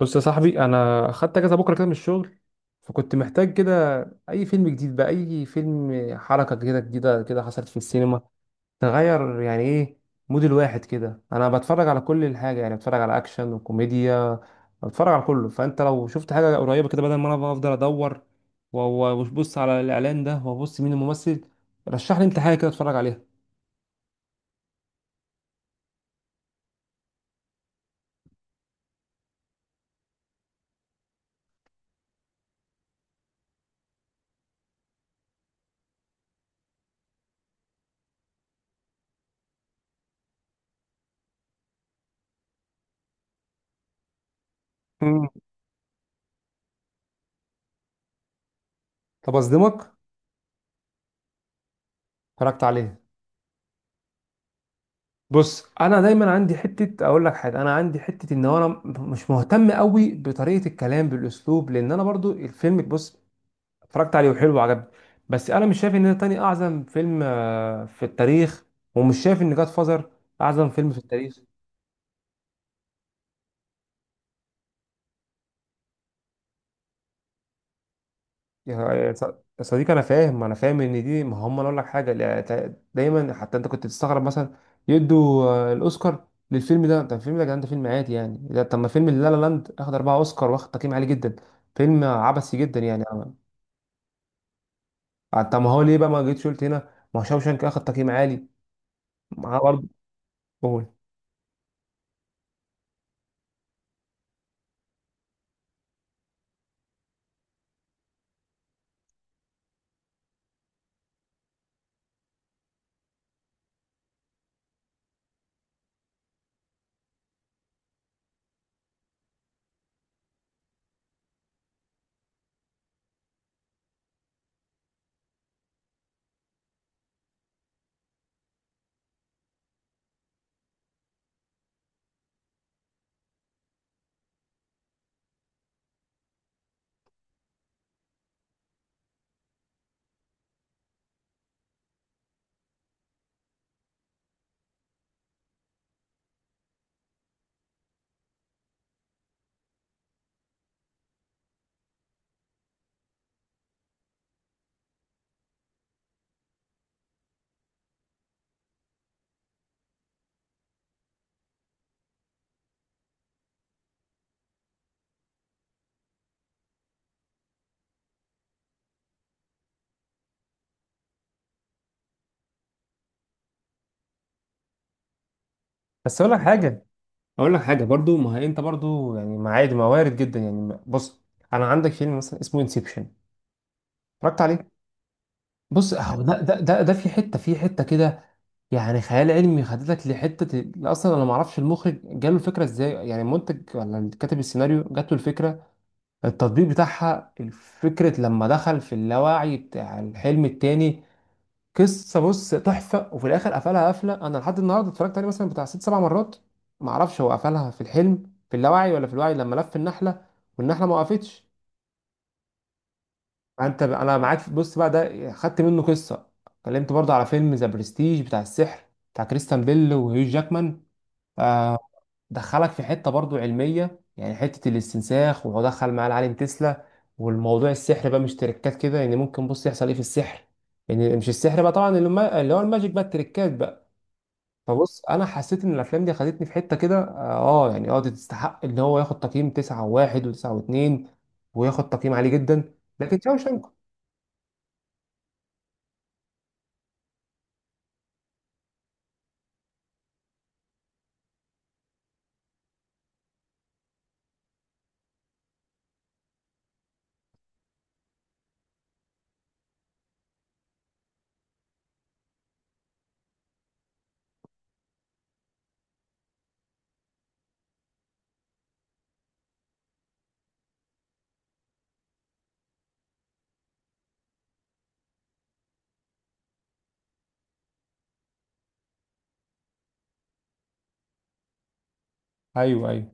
بص يا صاحبي، انا خدت اجازه بكره كده من الشغل، فكنت محتاج كده. اي فيلم جديد بقى، اي فيلم، حركه كده جديده كده حصلت في السينما، تغير يعني ايه مود الواحد كده. انا بتفرج على كل الحاجه، يعني بتفرج على اكشن وكوميديا، بتفرج على كله. فانت لو شفت حاجه قريبه كده بدل ما انا بقى افضل ادور وابص على الاعلان ده، وابص مين الممثل، رشح لي انت حاجه كده اتفرج عليها. مم. طب اصدمك، اتفرجت عليها. بص، انا دايما عندي حته اقول لك حاجه، انا عندي حته ان انا مش مهتم قوي بطريقه الكلام بالاسلوب، لان انا برضو الفيلم، بص، اتفرجت عليه وحلو وعجبني. بس انا مش شايف ان ده تاني اعظم فيلم في التاريخ، ومش شايف ان جاد فازر اعظم فيلم في التاريخ. يا ص- يا صديقي، انا فاهم، انا فاهم ان دي ما هم. أنا اقول لك حاجه: لا، دايما حتى انت كنت تستغرب مثلا يدوا الاوسكار للفيلم ده. طب الفيلم ده يا جدعان ده فيلم عادي يعني. ده طب ما فيلم لا لا لاند اخد اربعه اوسكار واخد تقييم عالي جدا، فيلم عبثي جدا يعني طب ما هو ليه بقى ما جيتش قلت هنا؟ ما هو شاوشانك اخد تقييم عالي معاه برضه. قول. بس اقول لك حاجه، اقول لك حاجه برضه. ما هي انت برضه يعني، ما عادي ما وارد جدا يعني. بص، انا عندك فيلم مثلا اسمه انسبشن، اتفرجت عليه. بص، اهو ده في حته كده، يعني خيال علمي، خدتك لحتة أصلا. أنا معرفش المخرج جاله الفكرة إزاي، يعني المنتج ولا اللي كاتب السيناريو جاته الفكرة، التطبيق بتاعها الفكرة لما دخل في اللاوعي بتاع الحلم التاني. قصة، بص، تحفة، وفي الآخر قفلها قفلة، أنا لحد النهاردة اتفرجت عليه مثلا بتاع ست سبع مرات، معرفش هو قفلها في الحلم في اللاوعي ولا في الوعي لما لف النحلة والنحلة ما وقفتش. أنت أنا معاك بص بقى ده خدت منه قصة، اتكلمت برضه على فيلم ذا برستيج بتاع السحر، بتاع كريستيان بيل وهيو جاكمان، آه، دخلك في حته برضو علميه، يعني حته الاستنساخ وهو دخل معاه العالم تسلا، والموضوع السحر بقى مش تريكات كده، يعني ممكن، بص، يحصل ايه في السحر، يعني مش السحر بقى طبعا اللي اللي هو الماجيك بقى، التريكات بقى. فبص، انا حسيت ان الافلام دي خدتني في حته كده اه يعني اه دي تستحق ان هو ياخد تقييم 9 و1 و9 و2، وياخد تقييم عالي جدا. لكن شاوشانك. ايوه، ايوه.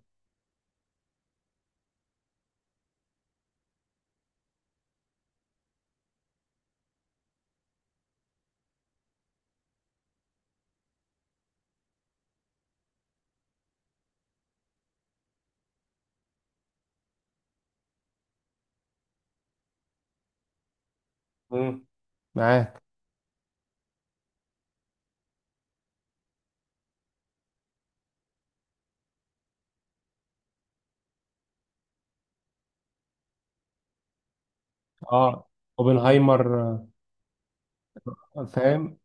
مم. معاك. اه، اوبنهايمر. فاهم.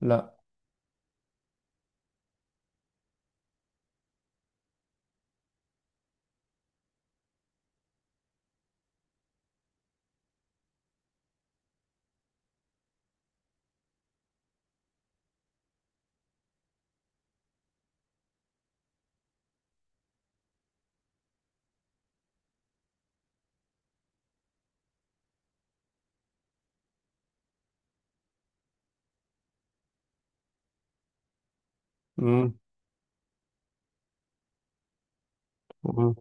لا. مم.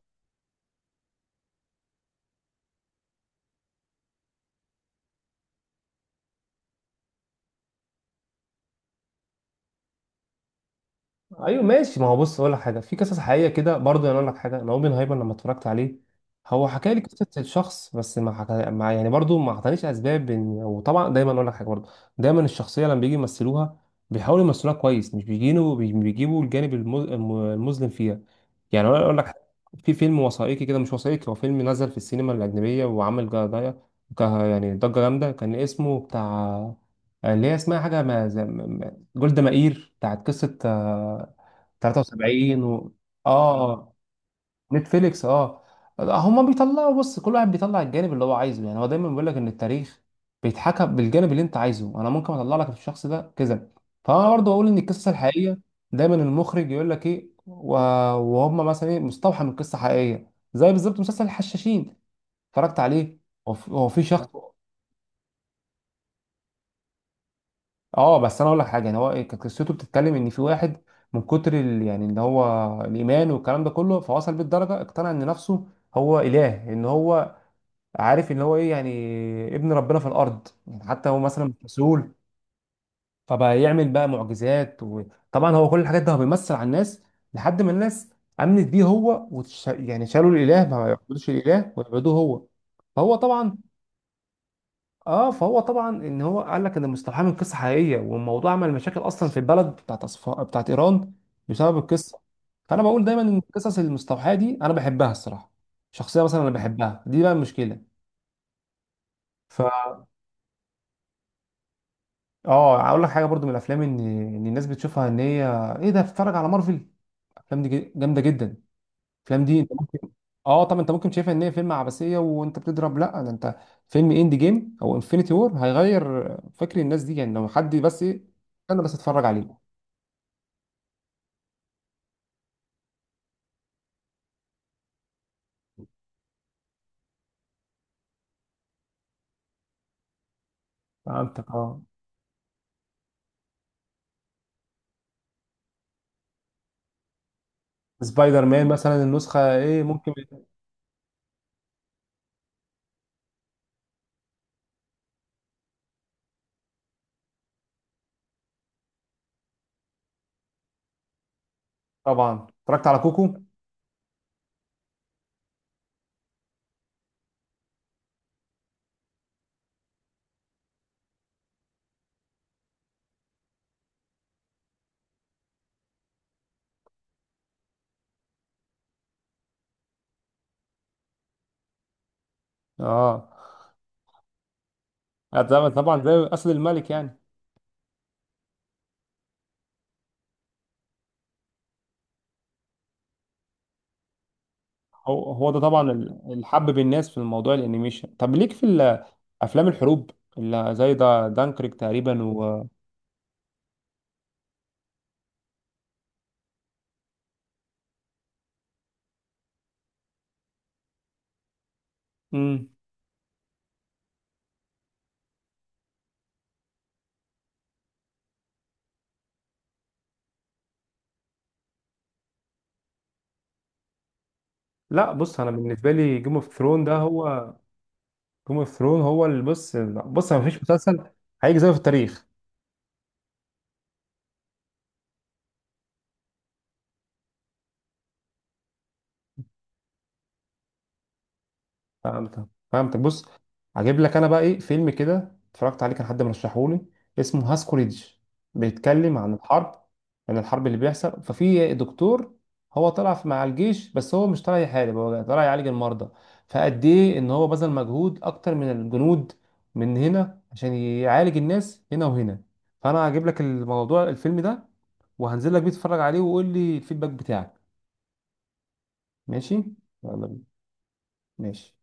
ايوه ماشي، ما هو بص اقول لك حاجه، في قصص حقيقيه كده برضه، انا اقول لك حاجه، انا اوبن هايبر لما اتفرجت عليه، هو حكى لي قصه الشخص، بس ما حكى، ما يعني برضه ما اعطانيش اسباب وطبعا دايما اقول لك حاجه برضه، دايما الشخصيه لما بيجي يمثلوها، بيحاولوا يمثلوها كويس، مش بيجينوا بيجيبوا الجانب المظلم فيها. يعني انا اقول لك حاجة. في فيلم وثائقي كده، مش وثائقي، هو فيلم نزل في السينما الاجنبيه وعمل جدايه، يعني ضجه جامده، كان اسمه بتاع اللي هي اسمها حاجه ما جولدا مائير، بتاعت قصه 73 اه. نتفليكس اه. هما بيطلعوا، بص، كل واحد بيطلع الجانب اللي هو عايزه، يعني هو دايما بيقول لك ان التاريخ بيتحكم بالجانب اللي انت عايزه. انا ممكن اطلع لك في الشخص ده كذا. فانا برضه اقول ان القصه الحقيقيه دايما المخرج يقول لك ايه، وهم مثلا ايه مستوحى من قصه حقيقيه زي بالظبط مسلسل الحشاشين، اتفرجت عليه. هو في، هو في شخص، اه. بس انا اقول لك حاجه، يعني هو كانت قصته بتتكلم ان في واحد من كتر يعني ان هو الايمان والكلام ده كله، فوصل بالدرجه اقتنع ان نفسه هو اله، ان هو عارف ان هو ايه، يعني ابن ربنا في الارض، يعني حتى هو مثلا مش مسؤول. فبقى يعمل بقى معجزات، وطبعا هو كل الحاجات ده هو بيمثل على الناس لحد ما الناس امنت بيه هو يعني شالوا الاله، ما يعبدوش الاله ويعبدوه هو. فهو طبعا، اه فهو طبعا، ان هو قال لك ان مستوحاه من قصه حقيقيه، والموضوع عمل مشاكل اصلا في البلد بتاعت بتاعت ايران، بسبب القصه. فانا بقول دايما ان القصص المستوحاه دي انا بحبها الصراحه. شخصيه مثلا انا بحبها دي بقى المشكله. ف، اه هقول لك حاجه برضو من الافلام، ان الناس بتشوفها ان هي ايه ده، بتتفرج على مارفل، الافلام دي جامده جدا، الافلام دي انت ممكن. اه، طب انت ممكن شايفها ان هي فيلم عبثيه وانت بتضرب؟ لا ده انت، فيلم اند جيم او انفينيتي وور هيغير فكر الناس دي يعني، لو حد بس ايه انا بس اتفرج عليه. فهمتك اه. سبايدر مان مثلا النسخه ايه ممكن. طبعا اتفرجت على كوكو. اه طبعا، طبعاً، زي اسد الملك يعني. هو هو ده طبعا اللي حبب الناس في الموضوع الانيميشن. طب ليك في افلام الحروب اللي زي ده دانكريك تقريبا و. مم. لا، بص، انا بالنسبه لي جيم اوف ثرون ده هو. جيم اوف ثرون هو اللي، بص، بص، ما فيش مسلسل هيجي زيه في التاريخ. فهمت، فهمت. بص، هجيب لك انا بقى ايه فيلم كده اتفرجت عليه، كان حد مرشحه لي، اسمه هاسكوريدج، بيتكلم عن الحرب، عن الحرب اللي بيحصل، ففي دكتور هو طلع مع الجيش، بس هو مش طالع يحارب، هو طالع يعالج المرضى، فقد ايه ان هو بذل مجهود اكتر من الجنود من هنا عشان يعالج الناس هنا وهنا. فانا هجيب لك الموضوع، الفيلم ده، وهنزل لك بيه تتفرج عليه وقول لي الفيدباك بتاعك. ماشي، يلا بينا. ماشي.